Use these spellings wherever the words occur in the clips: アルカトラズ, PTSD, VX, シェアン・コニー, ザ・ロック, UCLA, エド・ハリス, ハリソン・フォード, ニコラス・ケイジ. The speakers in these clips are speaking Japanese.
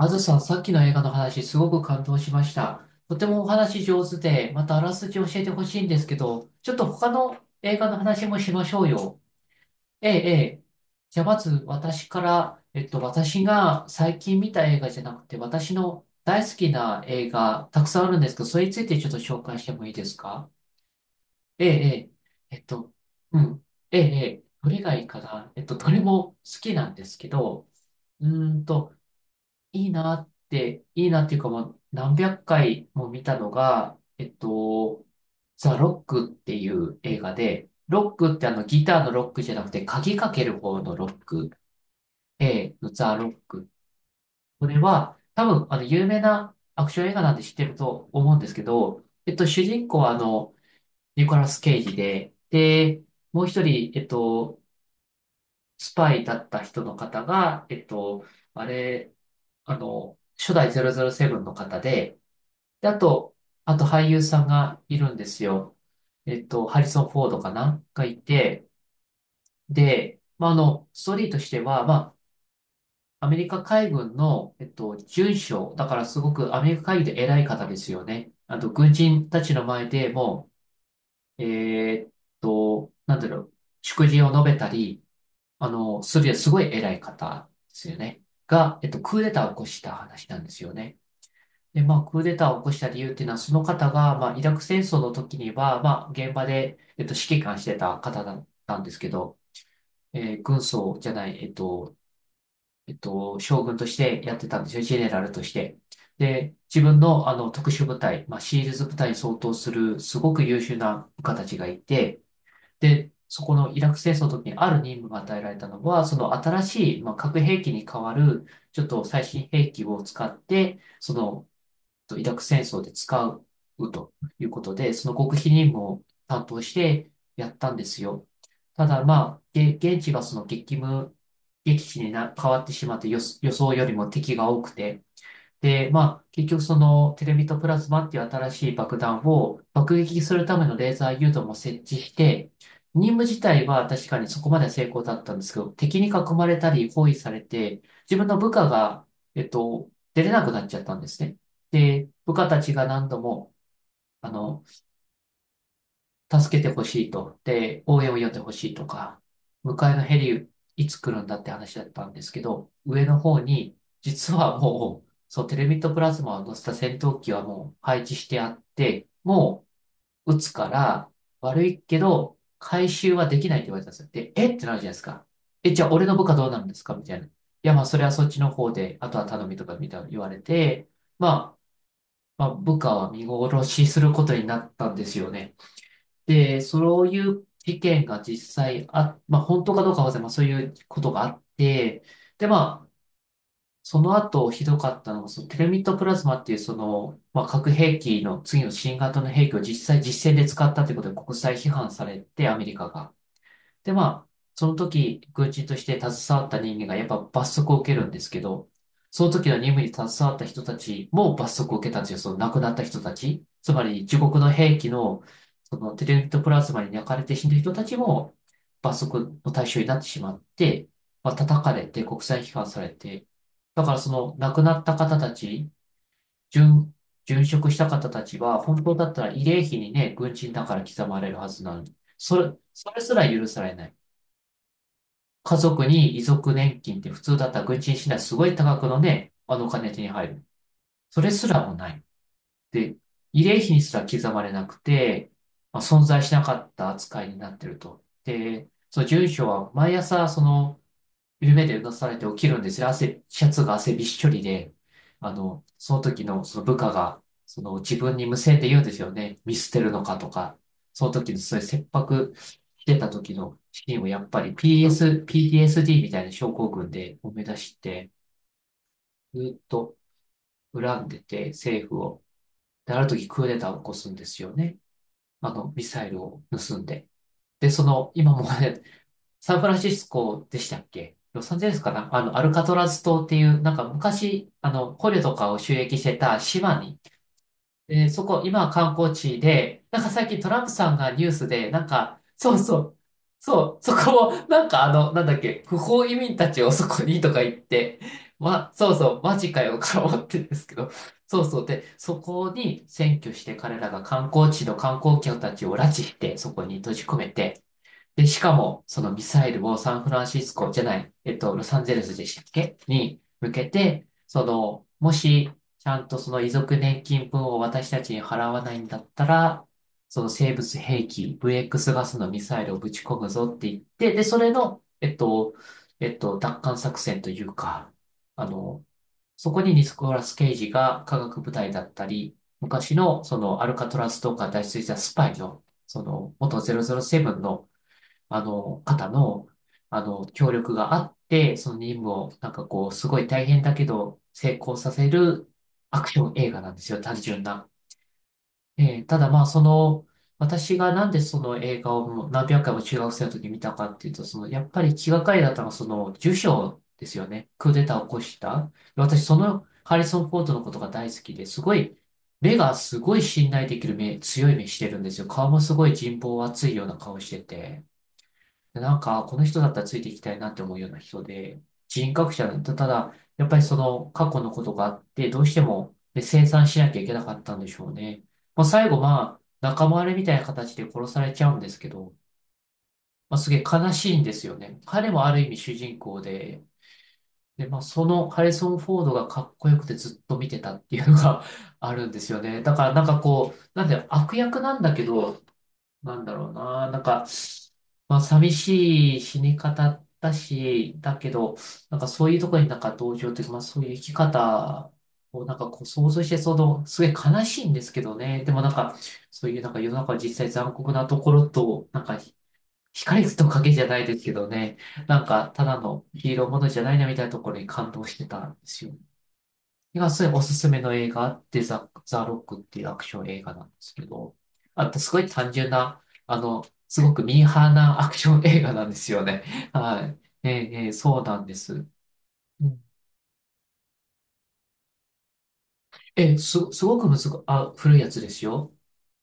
あずさん、さっきの映画の話、すごく感動しました。とてもお話上手で、またあらすじ教えてほしいんですけど、ちょっと他の映画の話もしましょうよ。ええ、ええ。じゃあまず私から、私が最近見た映画じゃなくて、私の大好きな映画、たくさんあるんですけど、それについてちょっと紹介してもいいですか？ええ、ええ。うん。ええ、ええ。どれがいいかな。どれも好きなんですけど、うーんと、いいなって、いいなっていうかもう何百回も見たのが、ザ・ロックっていう映画で、ロックってあのギターのロックじゃなくて鍵かける方のロック、A のザ・ロック。これは多分あの有名なアクション映画なんで知ってると思うんですけど、主人公はあのニコラス・ケイジで、もう一人、スパイだった人の方が、えっと、あれ、あの、初代007の方で、で、あと、俳優さんがいるんですよ。ハリソン・フォードかながいて、で、まあ、ストーリーとしては、まあ、アメリカ海軍の、准将、だからすごくアメリカ海軍で偉い方ですよね。あと、軍人たちの前でもう、なんだろう、祝辞を述べたり、するすごい偉い方ですよね。が、クーデターを起こした話なんですよね。で、まあ、クーデターを起こした理由っていうのは、その方が、まあ、イラク戦争の時には、まあ、現場で、指揮官してた方だったんですけど、軍曹じゃない、将軍としてやってたんですよ、ジェネラルとして。で、自分の、特殊部隊、まあ、シールズ部隊に相当する、すごく優秀な部下たちがいて、で、そこのイラク戦争の時にある任務が与えられたのは、その新しい、まあ、核兵器に代わる、ちょっと最新兵器を使って、そのとイラク戦争で使うということで、その極秘任務を担当してやったんですよ。ただまあ、現地がその激務、激地にな変わってしまって予想よりも敵が多くて、で、まあ、結局そのテレビとプラズマっていう新しい爆弾を爆撃するためのレーザー誘導も設置して、任務自体は確かにそこまでは成功だったんですけど、敵に囲まれたり包囲されて、自分の部下が、出れなくなっちゃったんですね。で、部下たちが何度も、あの、助けてほしいと。で、応援を呼んでほしいとか、向かいのヘリいつ来るんだって話だったんですけど、上の方に、実はもう、そう、テレミットプラズマを乗せた戦闘機はもう配置してあって、もう撃つから悪いけど、回収はできないって言われたんですよ。で、えってなるじゃないですか。え、じゃあ俺の部下どうなるんですかみたいな。いや、まあそれはそっちの方で、あとは頼みとかみたいな言われて、まあ、部下は見殺しすることになったんですよね。で、そういう事件が実際あ、まあ本当かどうかは忘れまあそういうことがあって、で、まあ、その後ひどかったのが、そのテルミットプラズマっていうその、まあ核兵器の次の新型の兵器を実際実戦で使ったということで国際批判されて、アメリカが。で、まあ、その時、軍人として携わった人間がやっぱ罰則を受けるんですけど、その時の任務に携わった人たちも罰則を受けたんですよ。その亡くなった人たち。つまり、自国の兵器の、そのテレミトプラズマに焼かれて死んだ人たちも罰則の対象になってしまって、まあ、叩かれて国際批判されて、だからその亡くなった方たち、殉、殉職した方たちは、本当だったら慰霊碑にね、軍人だから刻まれるはずなのに、それすら許されない。家族に遺族年金って普通だったら軍人死んだらすごい多額のね、あのお金手に入る。それすらもない。で、慰霊碑にすら刻まれなくて、まあ、存在しなかった扱いになってると。で、その住所は毎朝その夢でうなされて起きるんですよ。汗、シャツが汗びっしょりで、その時のその部下が、その自分に無線で言うんですよね。見捨てるのかとか。その時のそういう切迫してた時のシーンをやっぱり PTSD みたいな症候群で思い出して、ずっと恨んでて政府を。で、ある時クーデターを起こすんですよね。ミサイルを盗んで。で、その、今もねサンフランシスコでしたっけロサンゼルスかなアルカトラズ島っていう、なんか昔、捕虜とかを収益してた島に、で、そこ、今は観光地で、なんか最近トランプさんがニュースで、なんか、そうそう、そう、そこをなんかなんだっけ、不法移民たちをそこにとか言って、ま、そうそう、マジかよ、から思ってるんですけど、そうそう、で、そこに占拠して彼らが観光地の観光客たちを拉致して、そこに閉じ込めて、で、しかも、そのミサイルをサンフランシスコじゃない、ロサンゼルスでしたっけに向けて、その、もし、ちゃんとその遺族年金分を私たちに払わないんだったら、その生物兵器、VX ガスのミサイルをぶち込むぞって言って、で、それの、奪還作戦というか、あの、そこにニコラス・ケイジが科学部隊だったり、昔のそのアルカトラスとか脱出したスパイの、その元007の方の、協力があって、その任務を、なんかこう、すごい大変だけど、成功させるアクション映画なんですよ、単純な。ただまあ、その、私がなんでその映画をもう何百回も中学生の時に見たかっていうと、その、やっぱり気がかりだったのは、その、受賞ですよね。クーデターを起こした。私、その、ハリソン・フォードのことが大好きで、すごい、目がすごい信頼できる目、強い目してるんですよ。顔もすごい人望厚いような顔してて。なんか、この人だったらついていきたいなって思うような人で、人格者だった。ただ、やっぱりその過去のことがあって、どうしても、ね、清算しなきゃいけなかったんでしょうね。まあ、最後、まあ、仲間割れみたいな形で殺されちゃうんですけど、まあ、すげえ悲しいんですよね。彼もある意味主人公で、で、まあ、そのハリソン・フォードがかっこよくてずっと見てたっていうのが あるんですよね。だから、なんかこう、なんで悪役なんだけど、なんだろうな。なんか、まあ、寂しい死に方だし、だけど、なんかそういうところになんか同情というか、まあそういう生き方をなんかこう想像して、その、すごい悲しいんですけどね。でもなんか、そういうなんか世の中は実際残酷なところと、なんか光と影じゃないですけどね。なんか、ただのヒーローものじゃないなみたいなところに感動してたんですよ。がすごいおすすめの映画あってザ・ロックっていうアクション映画なんですけど、あとすごい単純な、すごくミーハーなアクション映画なんですよね。はい。ええ、ええそうなんです。うんええ、すごく難く、あ、古いやつですよ。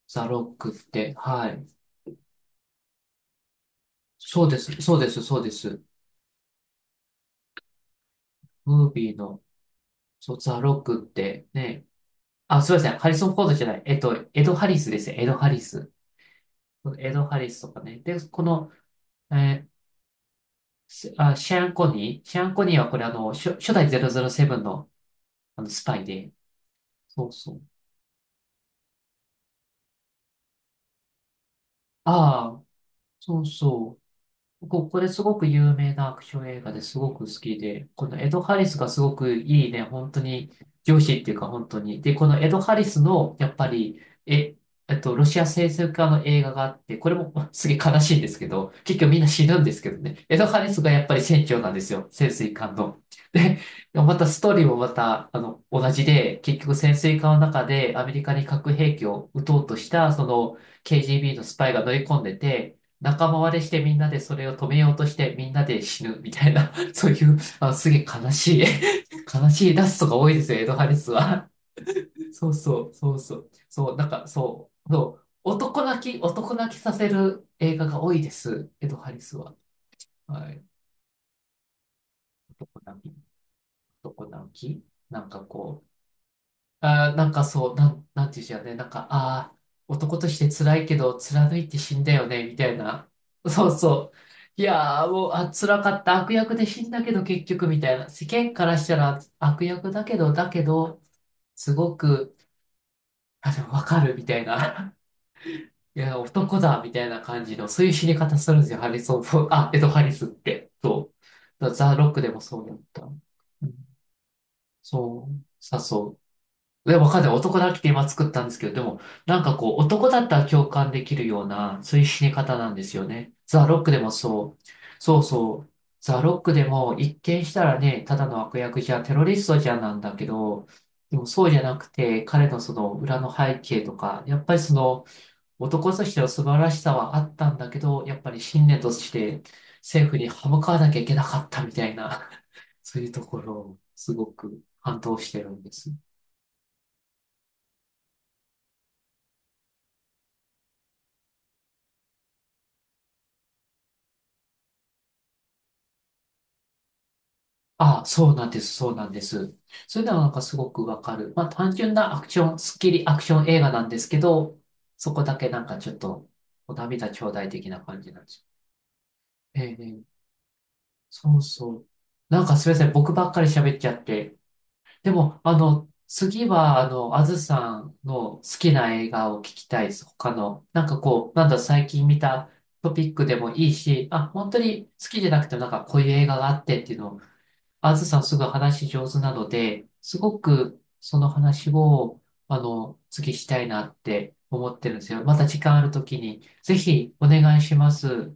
ザ・ロックって。はい。そうです、そうです、そうです。ムービーの、そう、ザ・ロックって、ね。あ、すいません。ハリソン・フォードじゃない。エド・ハリスですね。エド・ハリス。エド・ハリスとかね。で、この、えーすあ、シェアン・コニーはこれあの、初代007の、あのスパイで。そうそう。ああ、そうそう。僕、これすごく有名なアクション映画ですごく好きで、このエド・ハリスがすごくいいね、本当に上司っていうか本当に。で、このエド・ハリスの、やっぱり、え、ロシア潜水家の映画があって、これも すげえ悲しいんですけど、結局みんな死ぬんですけどね、エド・ハリスがやっぱり船長なんですよ、潜水艦の。で、またストーリーもまた、あの、同じで、結局潜水艦の中でアメリカに核兵器を撃とうとした、その KGB のスパイが乗り込んでて、仲間割れしてみんなでそれを止めようとしてみんなで死ぬみたいな、そういう、あ、すげえ悲しい 悲しいラストが多いですよ、エドハリスは。そうそう、そうそう。そう、なんか、そう、そう、男泣きさせる映画が多いです、エドハリスは。はい。男泣き、男泣き。なんかこう、あー、なんかそう、なんていうんじゃね、なんか、ああ、男として辛いけど、貫いて死んだよね、みたいな。そうそう。いやー、もう、あ、辛かった。悪役で死んだけど、結局、みたいな。世間からしたら悪役だけど、だけど、すごく、あ、でもわかる、みたいな。いや、男だ、みたいな感じの、そういう死に方するんですよ、ハリソンフォーあ、エド・ハリスって。そう。だからザ・ロックでもそうだった。うんそう、そう。え、わかんない。男だけで今作ったんですけど、でも、なんかこう、男だったら共感できるような、そういう死に方なんですよね。ザ・ロックでもそう。そうそう。ザ・ロックでも、一見したらね、ただの悪役じゃん、テロリストじゃんなんだけど、でもそうじゃなくて、彼のその裏の背景とか、やっぱりその、男としての素晴らしさはあったんだけど、やっぱり信念として政府に歯向かわなきゃいけなかったみたいな、そういうところをすごく感動してるんです。あ、そうなんです、そうなんです。そういうのはなんかすごくわかる。まあ単純なアクション、スッキリアクション映画なんですけど、そこだけなんかちょっと、お涙頂戴的な感じなんですよ。ええ、ええそうそう。なんかすみません、僕ばっかり喋っちゃって。でも、あの、次は、あの、あずさんの好きな映画を聞きたいです。他の、なんかこう、なんだ最近見たトピックでもいいし、あ、本当に好きじゃなくてもなんかこういう映画があってっていうのをあずさんすぐ話上手なので、すごくその話を、あの、次したいなって思ってるんですよ。また時間あるときに、ぜひお願いします。